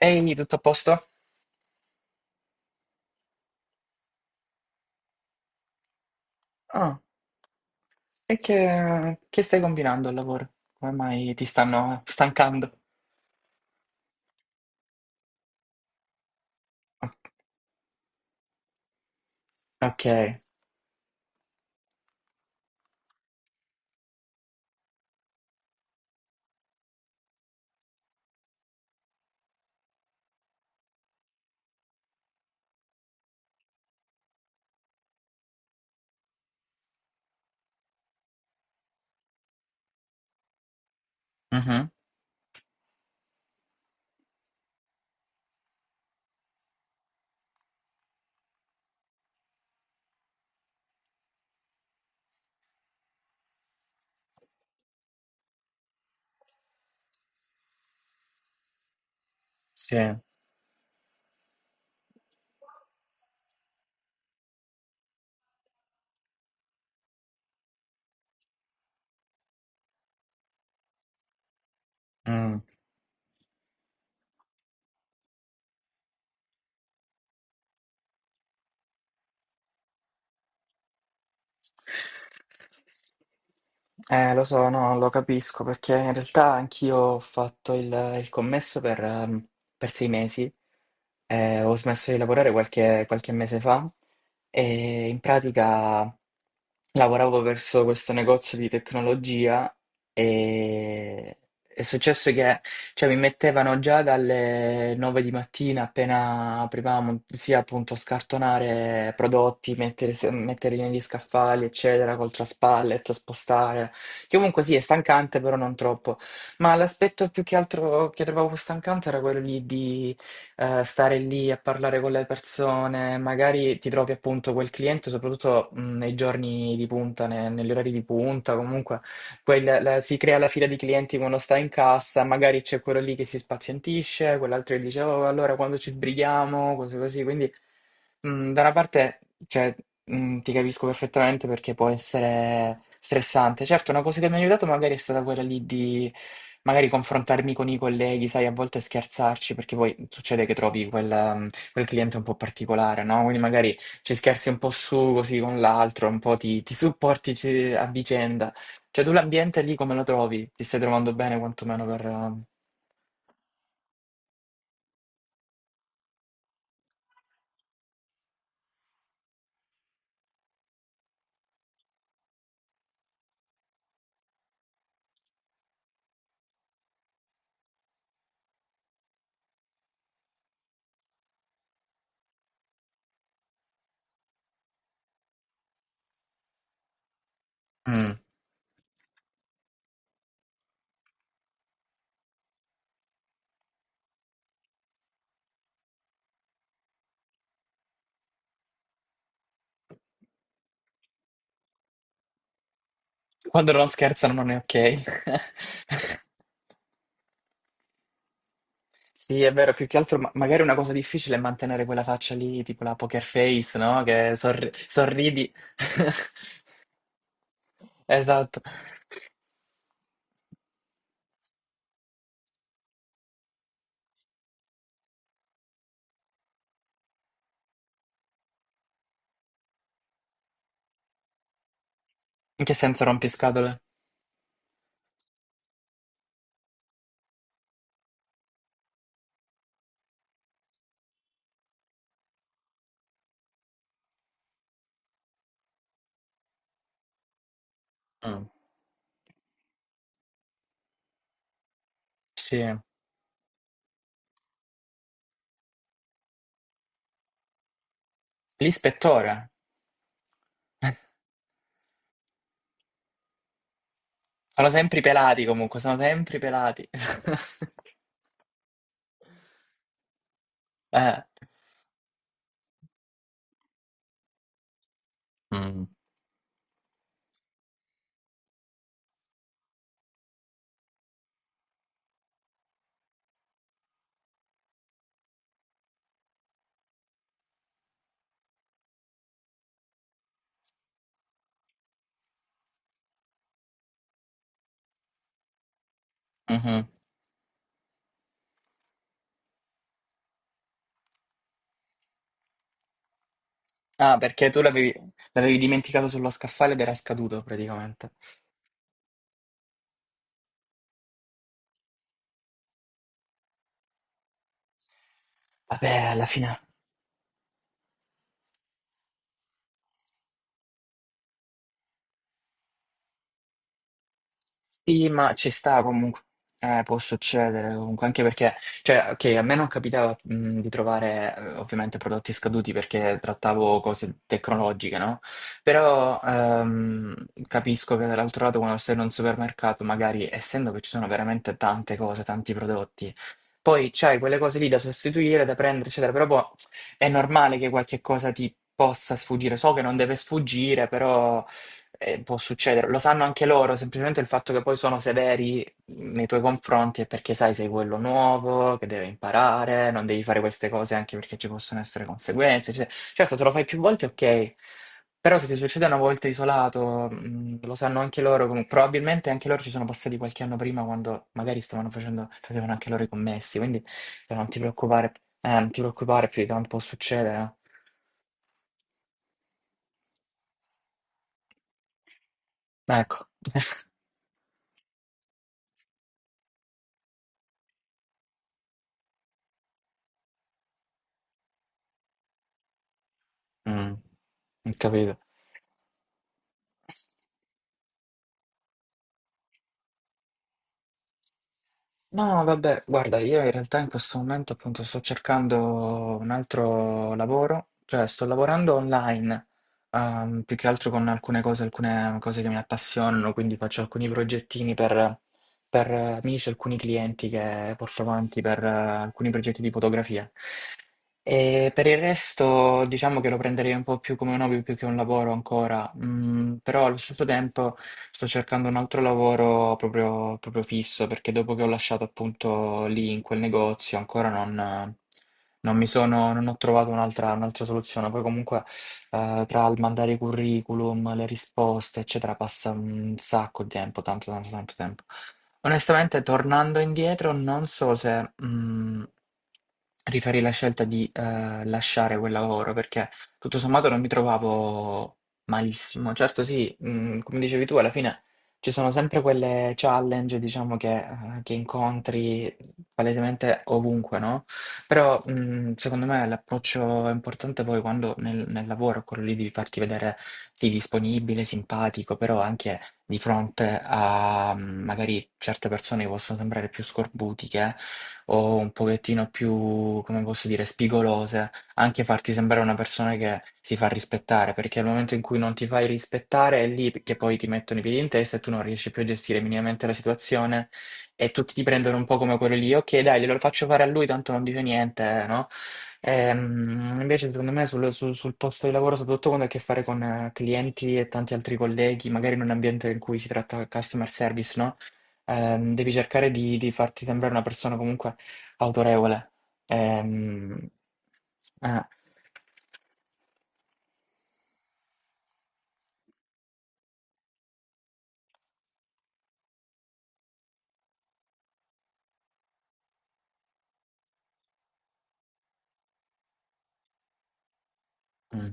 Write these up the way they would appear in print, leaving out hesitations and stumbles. Ehi, tutto a posto? Ah, e che stai combinando al lavoro? Come mai ti stanno stancando? Ok, mhm, sì, mm. Lo so, no, lo capisco perché in realtà anch'io ho fatto il commesso per 6 mesi, ho smesso di lavorare qualche mese fa e in pratica lavoravo verso questo negozio di tecnologia e è successo che cioè mi mettevano già dalle 9 di mattina appena aprivamo, sia appunto scartonare prodotti, mettere, metterli negli scaffali, eccetera, col traspallet, spostare, che comunque sì è stancante, però non troppo. Ma l'aspetto più che altro che trovavo stancante era quello lì di stare lì a parlare con le persone, magari ti trovi appunto quel cliente, soprattutto nei giorni di punta, negli orari di punta, comunque poi si crea la fila di clienti quando sta in cassa, magari c'è quello lì che si spazientisce, quell'altro che dice, oh, allora quando ci sbrighiamo, cose così. Quindi, da una parte, cioè, ti capisco perfettamente perché può essere stressante. Certo, una cosa che mi ha aiutato magari è stata quella lì di magari confrontarmi con i colleghi, sai, a volte scherzarci, perché poi succede che trovi quel cliente un po' particolare, no? Quindi magari ci scherzi un po' su, così con l'altro, un po' ti supporti a vicenda. Cioè, tu l'ambiente lì come lo trovi? Ti stai trovando bene quantomeno per... mm. Quando non scherzano non è ok. Sì, è vero, più che altro, magari una cosa difficile è mantenere quella faccia lì, tipo la poker face, no? Che sorridi. Esatto. In che senso rompiscatole? Mm. Sì. L'ispettore. Sono sempre i pelati comunque, sono sempre i pelati. Eh. Mm. Mhm. Ah, perché tu l'avevi dimenticato sullo scaffale ed era scaduto praticamente. Vabbè, alla fine sì, ma ci sta comunque. Può succedere comunque, anche perché, cioè, ok, a me non capitava di trovare ovviamente prodotti scaduti perché trattavo cose tecnologiche, no? Però capisco che dall'altro lato, quando sei in un supermercato, magari essendo che ci sono veramente tante cose, tanti prodotti. Poi c'hai quelle cose lì da sostituire, da prendere, eccetera, però boh, è normale che qualche cosa ti possa sfuggire. So che non deve sfuggire, però può succedere. Lo sanno anche loro, semplicemente il fatto che poi sono severi nei tuoi confronti è perché sai, sei quello nuovo, che deve imparare, non devi fare queste cose anche perché ci possono essere conseguenze, eccetera. Certo, te lo fai più volte, ok, però se ti succede una volta isolato, lo sanno anche loro, probabilmente anche loro ci sono passati qualche anno prima quando magari facevano anche loro i commessi, quindi non ti preoccupare, non ti preoccupare più di tanto può succedere. Eh. Ecco, Mm, ho capito. No, no, vabbè, guarda, io in realtà in questo momento appunto sto cercando un altro lavoro, cioè sto lavorando online, più che altro con alcune cose che mi appassionano, quindi faccio alcuni progettini per, amici, alcuni clienti che porto avanti per alcuni progetti di fotografia. E per il resto diciamo che lo prenderei un po' più come un hobby più che un lavoro ancora, mm, però allo stesso tempo sto cercando un altro lavoro proprio, proprio fisso perché dopo che ho lasciato appunto lì in quel negozio ancora non, non mi sono, non ho trovato un'altra soluzione. Poi comunque tra il mandare i curriculum, le risposte eccetera passa un sacco di tempo, tanto tanto tanto tempo. Onestamente tornando indietro non so se... rifarei la scelta di lasciare quel lavoro perché tutto sommato non mi trovavo malissimo. Certo, sì, come dicevi tu, alla fine ci sono sempre quelle challenge, diciamo, che incontri palesemente ovunque, no? Però secondo me l'approccio importante poi quando nel lavoro è quello lì di farti vedere sì, disponibile, simpatico, però anche di fronte a magari certe persone che possono sembrare più scorbutiche o un pochettino più, come posso dire, spigolose, anche farti sembrare una persona che si fa rispettare, perché al momento in cui non ti fai rispettare è lì che poi ti mettono i piedi in testa e tu non riesci più a gestire minimamente la situazione e tutti ti prendono un po' come quello lì, ok, dai, glielo faccio fare a lui, tanto non dice niente, no? Invece, secondo me, sul posto di lavoro, soprattutto quando hai a che fare con clienti e tanti altri colleghi, magari in un ambiente in cui si tratta customer service, no? Devi cercare di farti sembrare una persona comunque autorevole. Ehm, eh. Mh.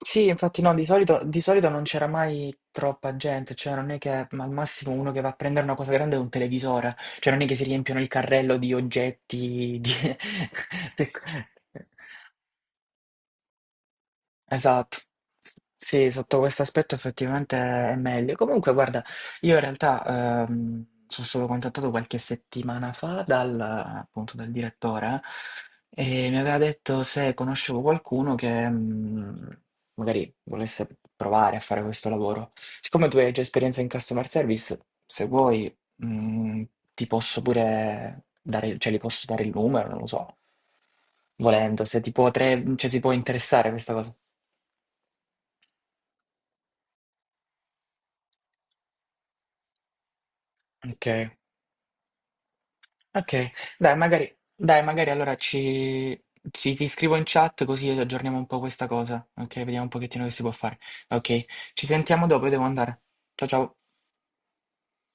Sì, infatti no, di solito non c'era mai troppa gente, cioè non è che ma al massimo uno che va a prendere una cosa grande è un televisore, cioè non è che si riempiono il carrello di oggetti, di te- Esatto. Sì, sotto questo aspetto effettivamente è meglio. Comunque, guarda, io in realtà sono stato contattato qualche settimana fa dal, appunto, dal direttore e mi aveva detto se conoscevo qualcuno che magari volesse provare a fare questo lavoro. Siccome tu hai già esperienza in customer service, se vuoi, mm, ti posso pure dare, cioè, gli posso dare il numero, non lo so, volendo, se ti può, cioè, si può interessare questa cosa. Ok, ok. Dai, magari allora ci... sì, ti scrivo in chat così aggiorniamo un po' questa cosa. Ok, vediamo un pochettino che si può fare. Ok, ci sentiamo dopo, io devo andare. Ciao ciao.